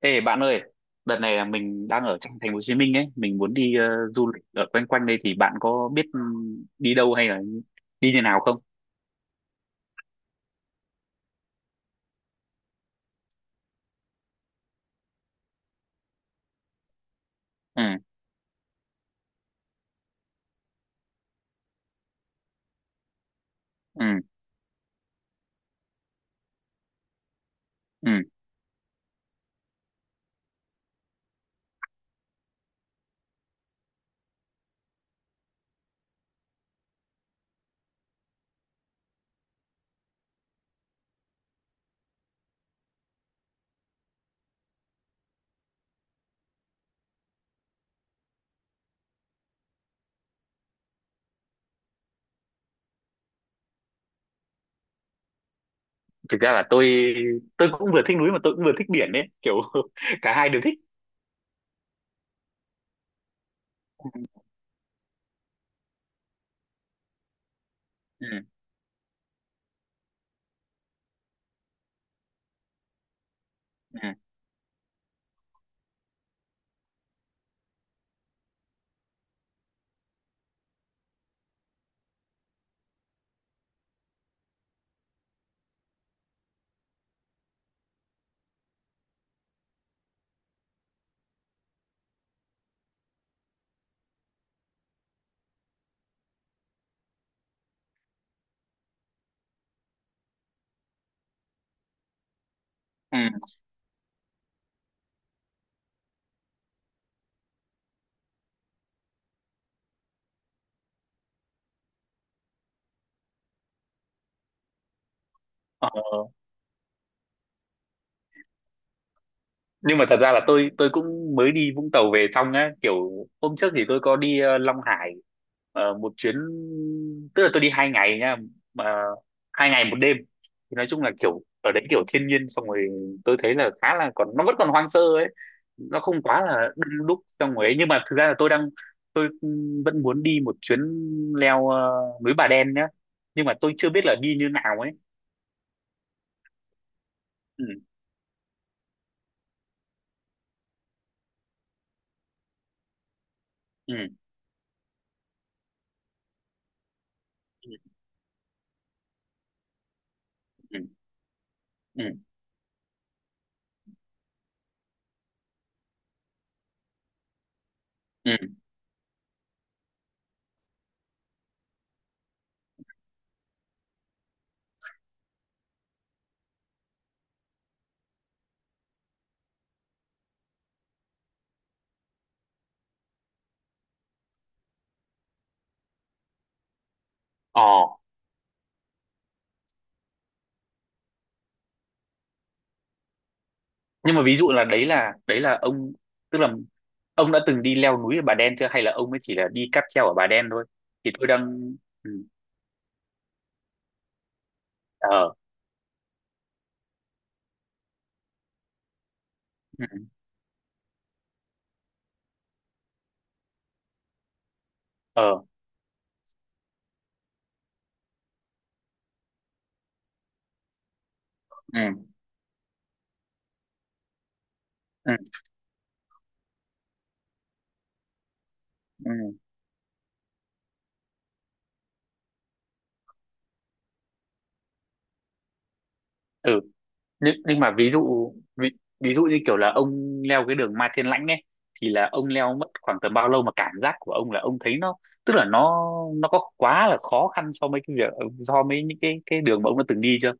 Ê bạn ơi, đợt này là mình đang ở trong thành phố Hồ Chí Minh ấy, mình muốn đi du lịch ở quanh quanh đây thì bạn có biết, đi đâu hay là đi như nào không? Ừ, ừ, ừ. Thực ra là tôi cũng vừa thích núi mà tôi cũng vừa thích biển đấy, kiểu cả hai đều thích. Ừ, ừ, ừ. Ừ. Ờ, nhưng mà thật ra là tôi cũng mới đi Vũng Tàu về xong á, kiểu hôm trước thì tôi có đi Long Hải, một chuyến. Tức là tôi đi 2 ngày nha, mà 2 ngày 1 đêm. Thì nói chung là kiểu ở đấy kiểu thiên nhiên, xong rồi tôi thấy là khá là còn, nó vẫn còn hoang sơ ấy, nó không quá là đông đúc trong rồi ấy. Nhưng mà thực ra là tôi vẫn muốn đi một chuyến leo núi Bà Đen nhá, nhưng mà tôi chưa biết là đi như nào ấy. Ừ, ừ, ừ, ừ, ừ, ừ. ờ nhưng mà ví dụ là đấy là đấy là ông, tức là ông đã từng đi leo núi ở Bà Đen chưa, hay là ông mới chỉ là đi cáp treo ở Bà Đen thôi? Thì tôi đang Ừ. Ờ, ừ. Ờ, ừ. Ừ. Ừ. Ừ. nhưng mà ví dụ ví dụ như kiểu là ông leo cái đường Mai Thiên Lãnh ấy, thì là ông leo mất khoảng tầm bao lâu, mà cảm giác của ông là ông thấy nó, tức là nó có quá là khó khăn so với cái việc, so với những cái đường mà ông đã từng đi chưa?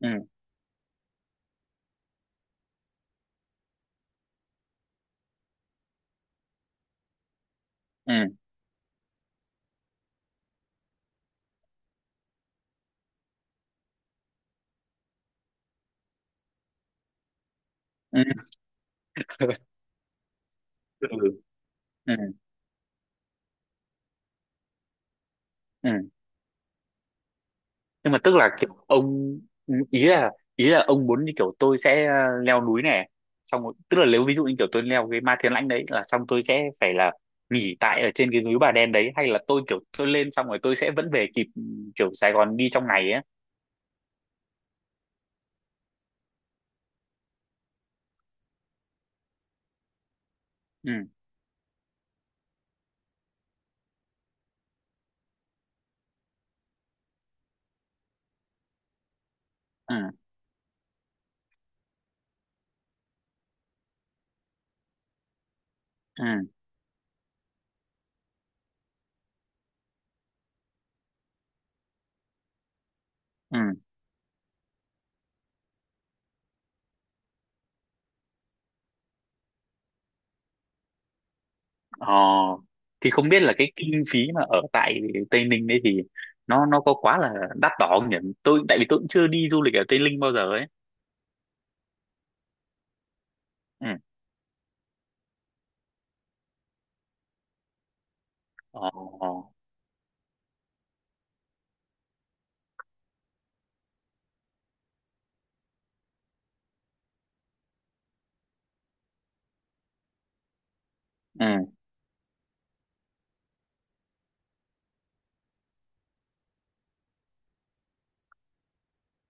Ừ, ừ, ừ, ừ, ừ. Nhưng mà tức là kiểu ông, ý là ông muốn như kiểu tôi sẽ leo núi này, xong rồi, tức là nếu ví dụ như kiểu tôi leo cái Ma Thiên Lãnh đấy là xong, tôi sẽ phải là nghỉ tại ở trên cái núi Bà Đen đấy, hay là tôi kiểu tôi lên xong rồi tôi sẽ vẫn về kịp, kiểu Sài Gòn đi trong ngày ấy? Ừ, ừ, ừ, ừ. Ờ, thì không biết là cái kinh phí mà ở tại Tây Ninh đấy thì nó có quá là đắt đỏ không nhỉ? Tại vì tôi cũng chưa đi du lịch ở Tây Ninh bao giờ ấy. Ừ, ờ, ờ, ừ,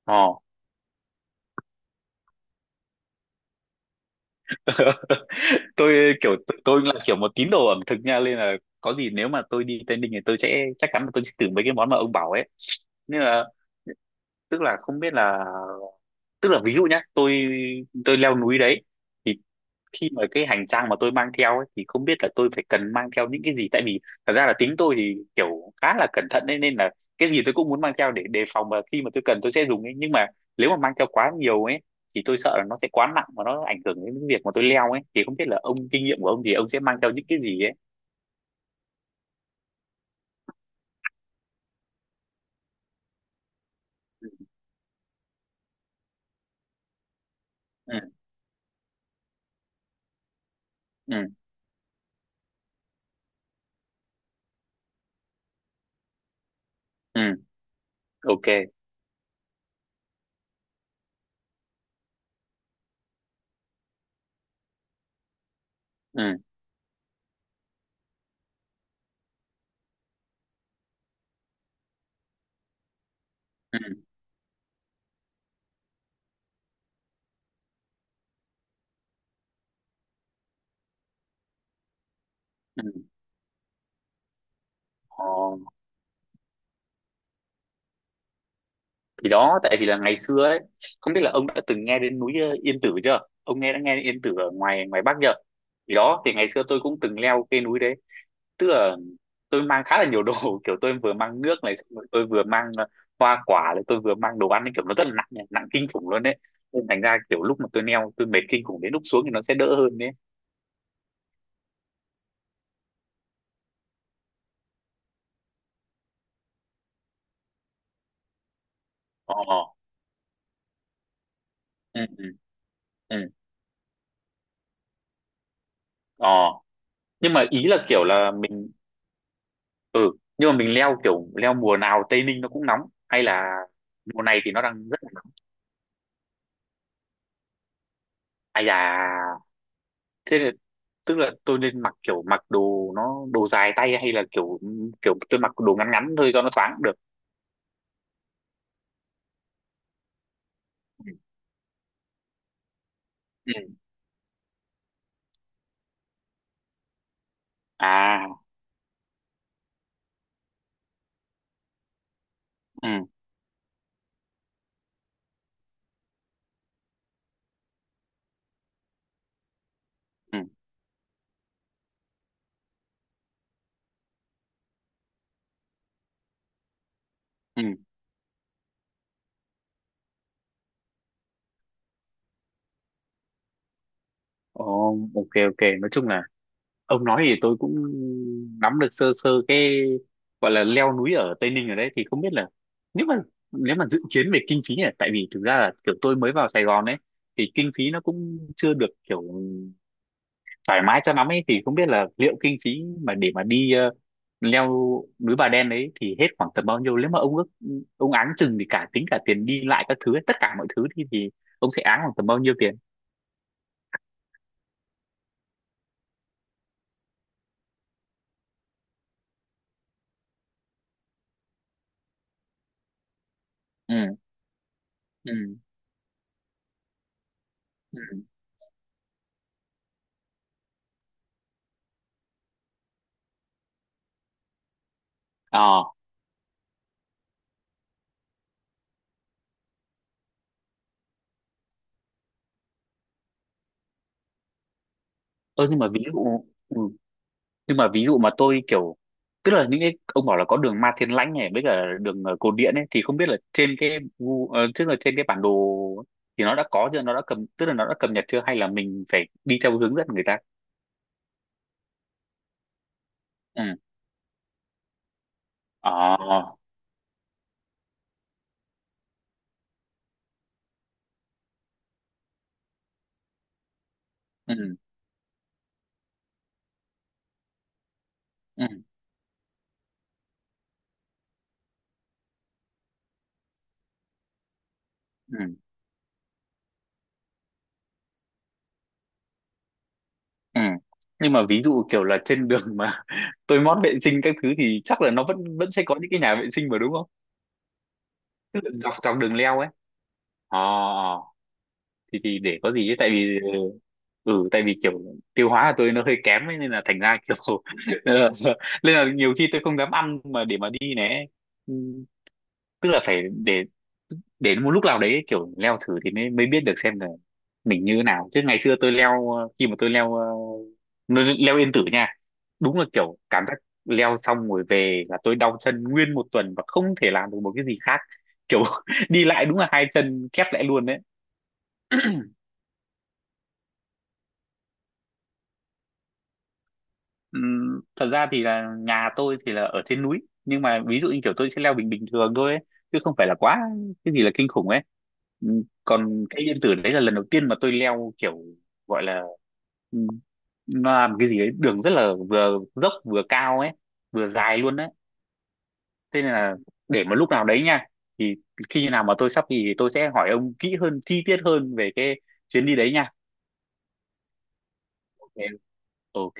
ờ. Tôi kiểu tôi là kiểu một tín đồ ẩm thực nha, nên là có gì nếu mà tôi đi Tây Ninh thì tôi sẽ chắc chắn là tôi sẽ thử mấy cái món mà ông bảo ấy, nên là tức là không biết là, tức là ví dụ nhá, tôi leo núi đấy thì khi mà cái hành trang mà tôi mang theo ấy, thì không biết là tôi phải cần mang theo những cái gì, tại vì thật ra là tính tôi thì kiểu khá là cẩn thận ấy, nên là cái gì tôi cũng muốn mang theo để đề phòng, mà khi mà tôi cần tôi sẽ dùng ấy. Nhưng mà nếu mà mang theo quá nhiều ấy thì tôi sợ là nó sẽ quá nặng và nó ảnh hưởng đến cái việc mà tôi leo ấy. Thì không biết là ông, kinh nghiệm của ông thì ông sẽ mang theo những cái gì ấy? Ừ, ừ, ừ, ừ, ok, ừ, ừ, ừ. Ờ, thì đó, tại vì là ngày xưa ấy không biết là ông đã từng nghe đến núi Yên Tử chưa, ông đã nghe đến Yên Tử ở ngoài ngoài Bắc chưa? Thì đó, thì ngày xưa tôi cũng từng leo cái núi đấy, tức là tôi mang khá là nhiều đồ, kiểu tôi vừa mang nước này, xong rồi tôi vừa mang hoa quả này, tôi vừa mang đồ ăn ấy, kiểu nó rất là nặng nhỉ, nặng kinh khủng luôn đấy. Nên thành ra kiểu lúc mà tôi leo tôi mệt kinh khủng, đến lúc xuống thì nó sẽ đỡ hơn đấy. Ờ, ừ, ừ, ừ, ờ. Nhưng mà ý là kiểu là mình, ừ, nhưng mà mình leo, kiểu leo mùa nào Tây Ninh nó cũng nóng, hay là mùa này thì nó đang rất là nóng? Ai da, thế là, tức là tôi nên mặc kiểu mặc đồ nó đồ dài tay hay là kiểu kiểu tôi mặc đồ ngắn ngắn thôi cho nó thoáng cũng được? Ừ. Ừ. À, ừ, ừ, ừ. Ồ, ok, ok, nói chung là ông nói thì tôi cũng nắm được sơ sơ cái gọi là leo núi ở Tây Ninh ở đấy. Thì không biết là, nếu mà nếu mà dự kiến về kinh phí này, tại vì thực ra là kiểu tôi mới vào Sài Gòn ấy, thì kinh phí nó cũng chưa được kiểu thoải mái cho lắm ấy, thì không biết là liệu kinh phí mà để mà đi leo núi Bà Đen đấy thì hết khoảng tầm bao nhiêu? Nếu mà ông áng chừng thì cả tính cả tiền đi lại các thứ ấy, tất cả mọi thứ thì ông sẽ áng khoảng tầm bao nhiêu tiền? Ừ, ừ, ừ, ờ. Ơ, nhưng mà ví dụ, nhưng mà ví dụ mà tôi kiểu, tức là những cái ông bảo là có đường Ma Thiên Lãnh này với cả đường Cột Điện ấy thì không biết là trên cái tức là trên cái bản đồ thì nó đã có chưa, nó đã cầm tức là nó đã cập nhật chưa, hay là mình phải đi theo hướng dẫn người ta? Ừ, ờ, ừ, ừ, ừ, ừ. Nhưng mà ví dụ kiểu là trên đường mà tôi mót vệ sinh các thứ thì chắc là nó vẫn vẫn sẽ có những cái nhà vệ sinh mà, đúng không, tức là dọc dọc đường leo ấy? Ờ, ờ. Thì để có gì ấy, tại vì, ừ, tại vì kiểu tiêu hóa của tôi nó hơi kém ấy, nên là thành ra kiểu ờ, nên là nhiều khi tôi không dám ăn mà để mà đi này. Ừ, tức là phải để một lúc nào đấy kiểu leo thử thì mới mới biết được xem là mình như thế nào. Chứ ngày xưa tôi leo khi mà tôi leo leo leo Yên Tử nha. Đúng là kiểu cảm giác leo xong rồi về là tôi đau chân nguyên 1 tuần và không thể làm được một cái gì khác, kiểu đi lại đúng là hai chân khép lại luôn đấy. Thật ra thì là nhà tôi thì là ở trên núi, nhưng mà ví dụ như kiểu tôi sẽ leo bình bình thường thôi ấy, chứ không phải là quá cái gì là kinh khủng ấy. Còn cây Yên Tử đấy là lần đầu tiên mà tôi leo, kiểu gọi là, ừm, nó làm cái gì ấy, đường rất là vừa dốc vừa cao ấy, vừa dài luôn đấy. Thế nên là để mà lúc nào đấy nha, thì khi nào mà tôi sắp thì tôi sẽ hỏi ông kỹ hơn chi tiết hơn về cái chuyến đi đấy nha. Ok, ok.